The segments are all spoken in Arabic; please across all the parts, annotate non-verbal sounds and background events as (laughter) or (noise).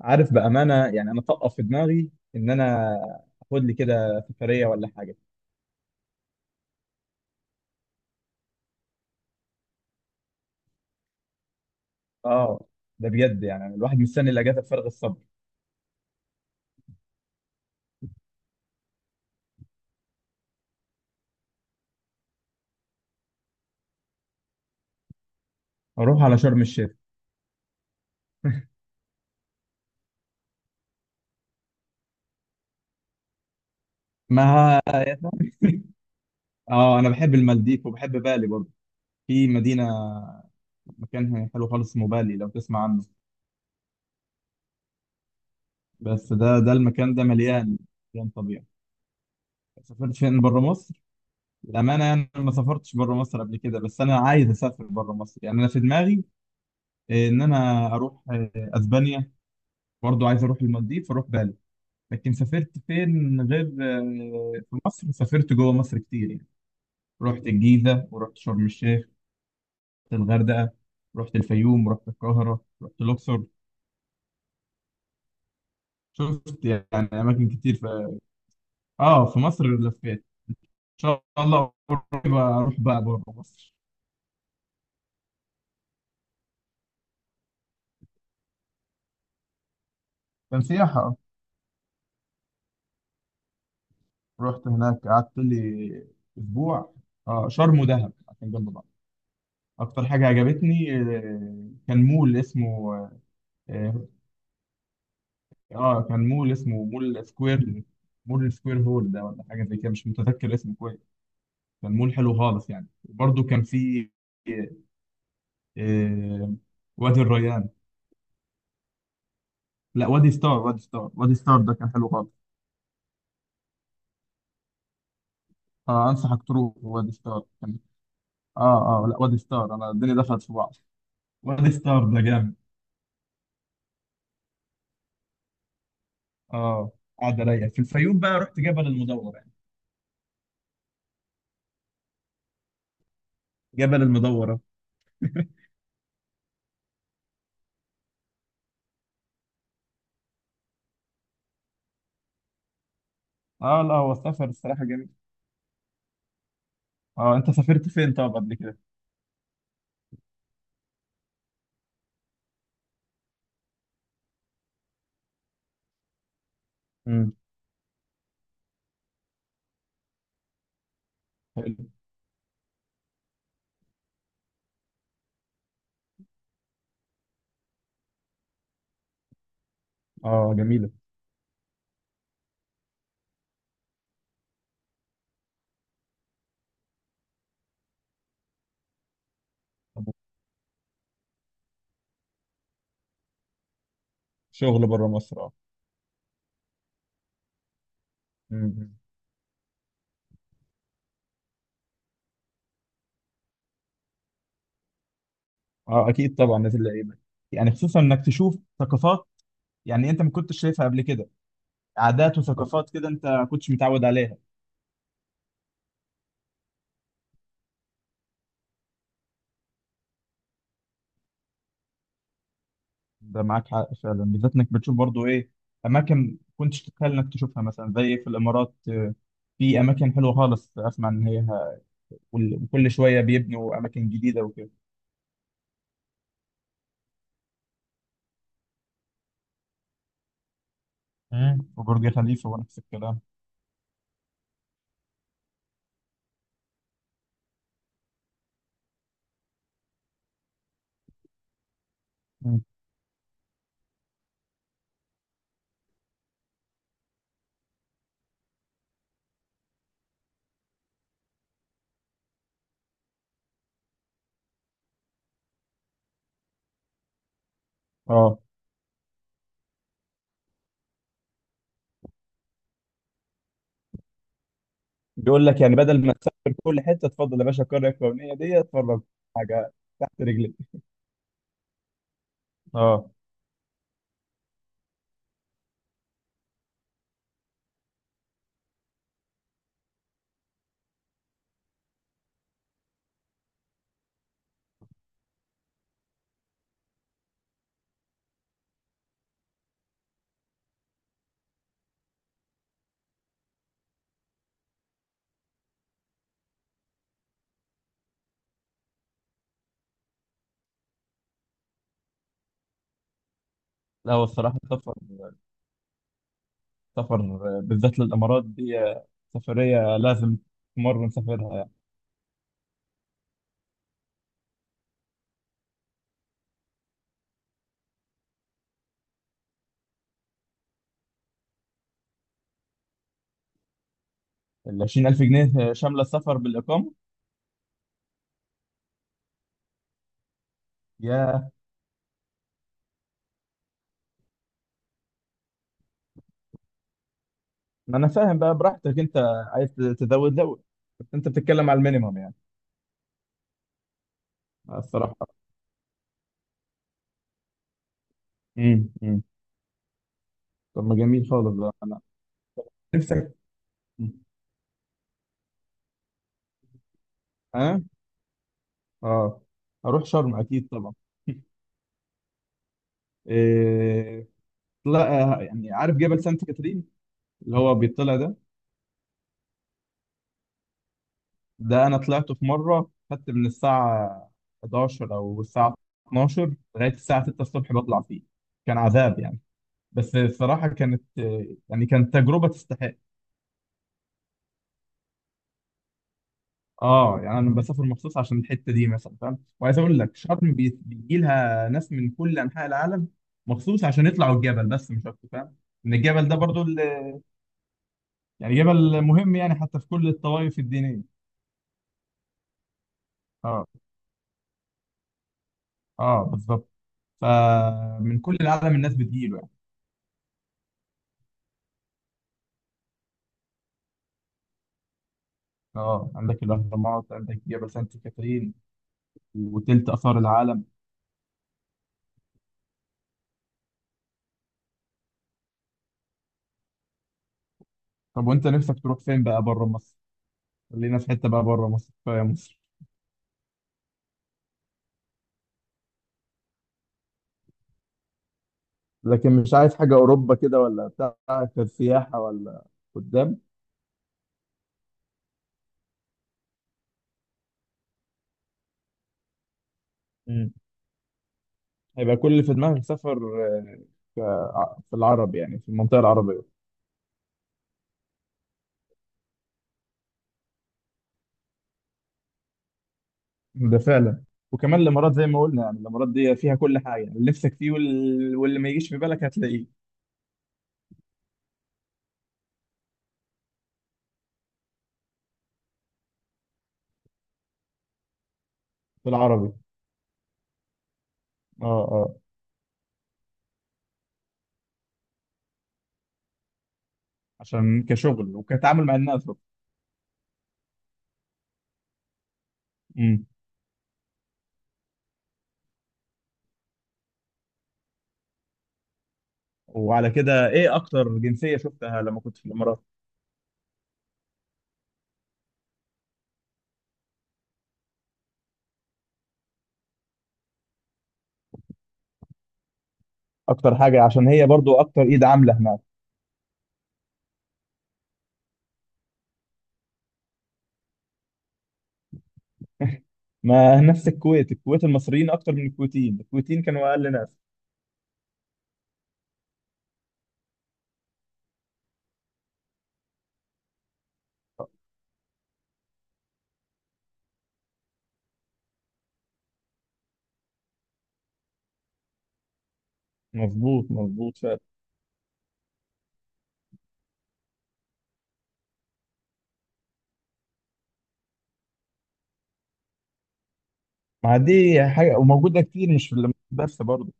عارف، بأمانة يعني أنا طقف في دماغي إن أنا أخد لي كده سفرية ولا حاجة. آه، ده بجد يعني الواحد مستني الأجازة بفارغ الصبر. أروح على شرم الشيخ. ما (laughs) آه، أنا بحب المالديف وبحب بالي برضه. في مدينة مكانها حلو خالص اسمه بالي لو تسمع عنه. بس ده المكان ده مليان، مليان طبيعة. سافرت فين بره مصر؟ للأمانة يعني أنا ما سافرتش بره مصر قبل كده، بس أنا عايز أسافر بره مصر. يعني أنا في دماغي إن أنا أروح أسبانيا. برضو عايز اروح المالديف، اروح بالي. لكن سافرت فين غير في مصر؟ سافرت جوه مصر كتير يعني، رحت الجيزة ورحت شرم الشيخ، رحت الغردقة، رحت الفيوم ورحت القاهرة، رحت الأقصر. شفت يعني أماكن كتير في في مصر، لفيت. إن شاء الله قريب أروح بقى بره مصر. كان سياحة آه. رحت هناك قعدت لي أسبوع. شرم ودهب عشان جنب بعض. أكتر حاجة عجبتني كان مول اسمه آه، اه كان مول اسمه مول سكوير. مول سكوير هول ده ولا حاجه زي كده، مش متذكر اسمه كويس. كان مول حلو خالص يعني، وبرده كان في آه، وادي الريان. لا، وادي ستار، وادي ستار، وادي ستار ده كان حلو خالص. آه، انصحك تروح وادي ستار، كان... اه لا وادي ستار، انا الدنيا دخلت في بعض. وادي ستار ده جامد. اه. قاعده رايقه في الفيوم، بقى رحت جبل المدورة يعني. جبل المدورة. اه، لا هو السفر الصراحه جميل. اه، انت سافرت فين طب قبل كده؟ امم. حلو. اه، جميله. شغل بره مصر اه. مم. اه، اكيد طبعا نادي اللعيبه، يعني خصوصا انك تشوف ثقافات يعني انت ما كنتش شايفها قبل كده، عادات وثقافات كده انت ما كنتش متعود عليها. ده معاك حق فعلا، بالذات انك بتشوف برضو ايه، اماكن كنتش تتخيل انك تشوفها، مثلا زي في الامارات في اماكن حلوه خالص، اسمع ان هي وكل شويه بيبنوا اماكن جديده وكده. مم. وبرج خليفه ونفس الكلام. مم. اه، بيقول لك يعني بدل ما تسافر كل حته تفضل يا باشا، القريه الفلانيه دي اتفرج، حاجه تحت رجلك. اه، لا هو الصراحة سفر. سفر بالذات للإمارات دي، سفرية لازم مرة نسافرها يعني. ال 20,000 جنيه شاملة السفر بالإقامة؟ يا، ما أنا فاهم بقى، براحتك أنت، عايز تزود زود. بس أنت بتتكلم على المينيمم يعني. الصراحة. امم. طب ما جميل خالص بقى. أنا نفسك. أنا. أه. هروح شرم أكيد طبعا. إيه... لا يعني، عارف جبل سانت كاترين اللي هو بيطلع ده؟ ده انا طلعت في مره، خدت من الساعه 11 او الساعه 12 لغايه الساعه 6 الصبح بطلع فيه. كان عذاب يعني، بس الصراحه كانت، يعني كانت تجربه تستحق. اه، يعني انا بسافر مخصوص عشان الحته دي مثلا، فاهم؟ وعايز اقول لك شرم بيجي لها ناس من كل انحاء العالم مخصوص عشان يطلعوا الجبل بس، مش اكتر. فاهم ان الجبل ده برضو يعني جبل مهم يعني، حتى في كل الطوائف الدينيه. اه اه بالظبط. فمن كل العالم الناس بتجيله. اه، عندك الاهرامات، عندك جبل سانت كاترين وتلت اثار العالم. طب وانت نفسك تروح فين بقى بره مصر؟ خلينا في حته بقى بره مصر، كفايه مصر. لكن مش عايز حاجة أوروبا كده ولا بتاع، كسياحة ولا قدام؟ مم. هيبقى كل اللي في دماغك سفر في العرب؟ يعني في المنطقه العربيه. ده فعلا. وكمان الامارات زي ما قلنا، يعني الامارات دي فيها كل حاجه يعني. اللي نفسك فيه واللي ما يجيش في بالك هتلاقيه في العربي. اه اه عشان كشغل وكتعامل مع الناس. وعلى كده ايه اكتر جنسية شفتها لما كنت في الامارات؟ اكتر حاجة، عشان هي برضو اكتر ايد عاملة هناك. ما نفس الكويت، المصريين اكتر من الكويتيين، الكويتيين كانوا اقل ناس. مظبوط، مظبوط فعلا. ما دي حاجة وموجودة كتير، مش في الامارات بس برضو،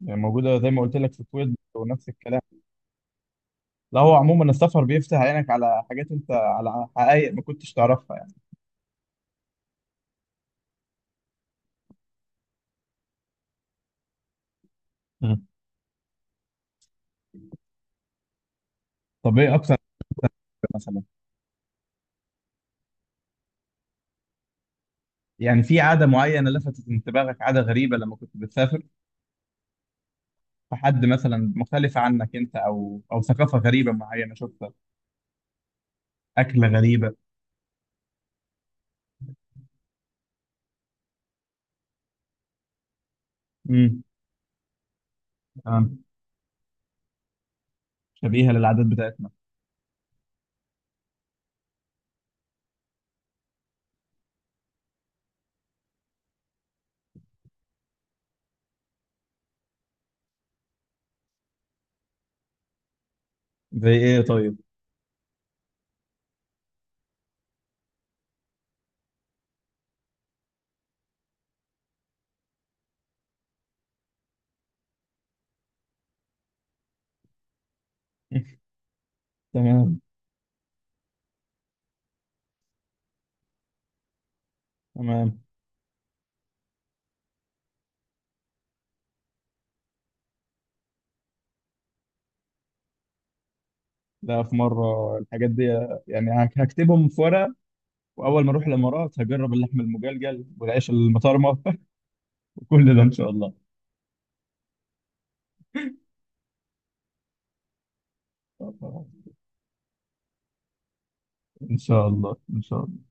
يعني موجودة زي ما قلت لك في الكويت ونفس الكلام. لا هو عموما السفر بيفتح عينك على حاجات انت، على حقائق ما كنتش تعرفها يعني. مم. طب ايه اكتر مثلا؟ يعني في عادة معينة لفتت انتباهك، عادة غريبة لما كنت بتسافر؟ في حد مثلا مختلفة عنك أنت، أو ثقافة غريبة معينة شفتها، أكلة غريبة؟ امم. تمام، شبيهة للعادات بتاعتنا. زي إيه طيب؟ (laughs) تمام. تمام. لا في مرة، الحاجات دي يعني هكتبهم في ورقة، وأول ما أروح الإمارات هجرب اللحم المجلجل والعيش المطرمة (laughs) وكل ده إن شاء الله. إن شاء الله. إن شاء الله.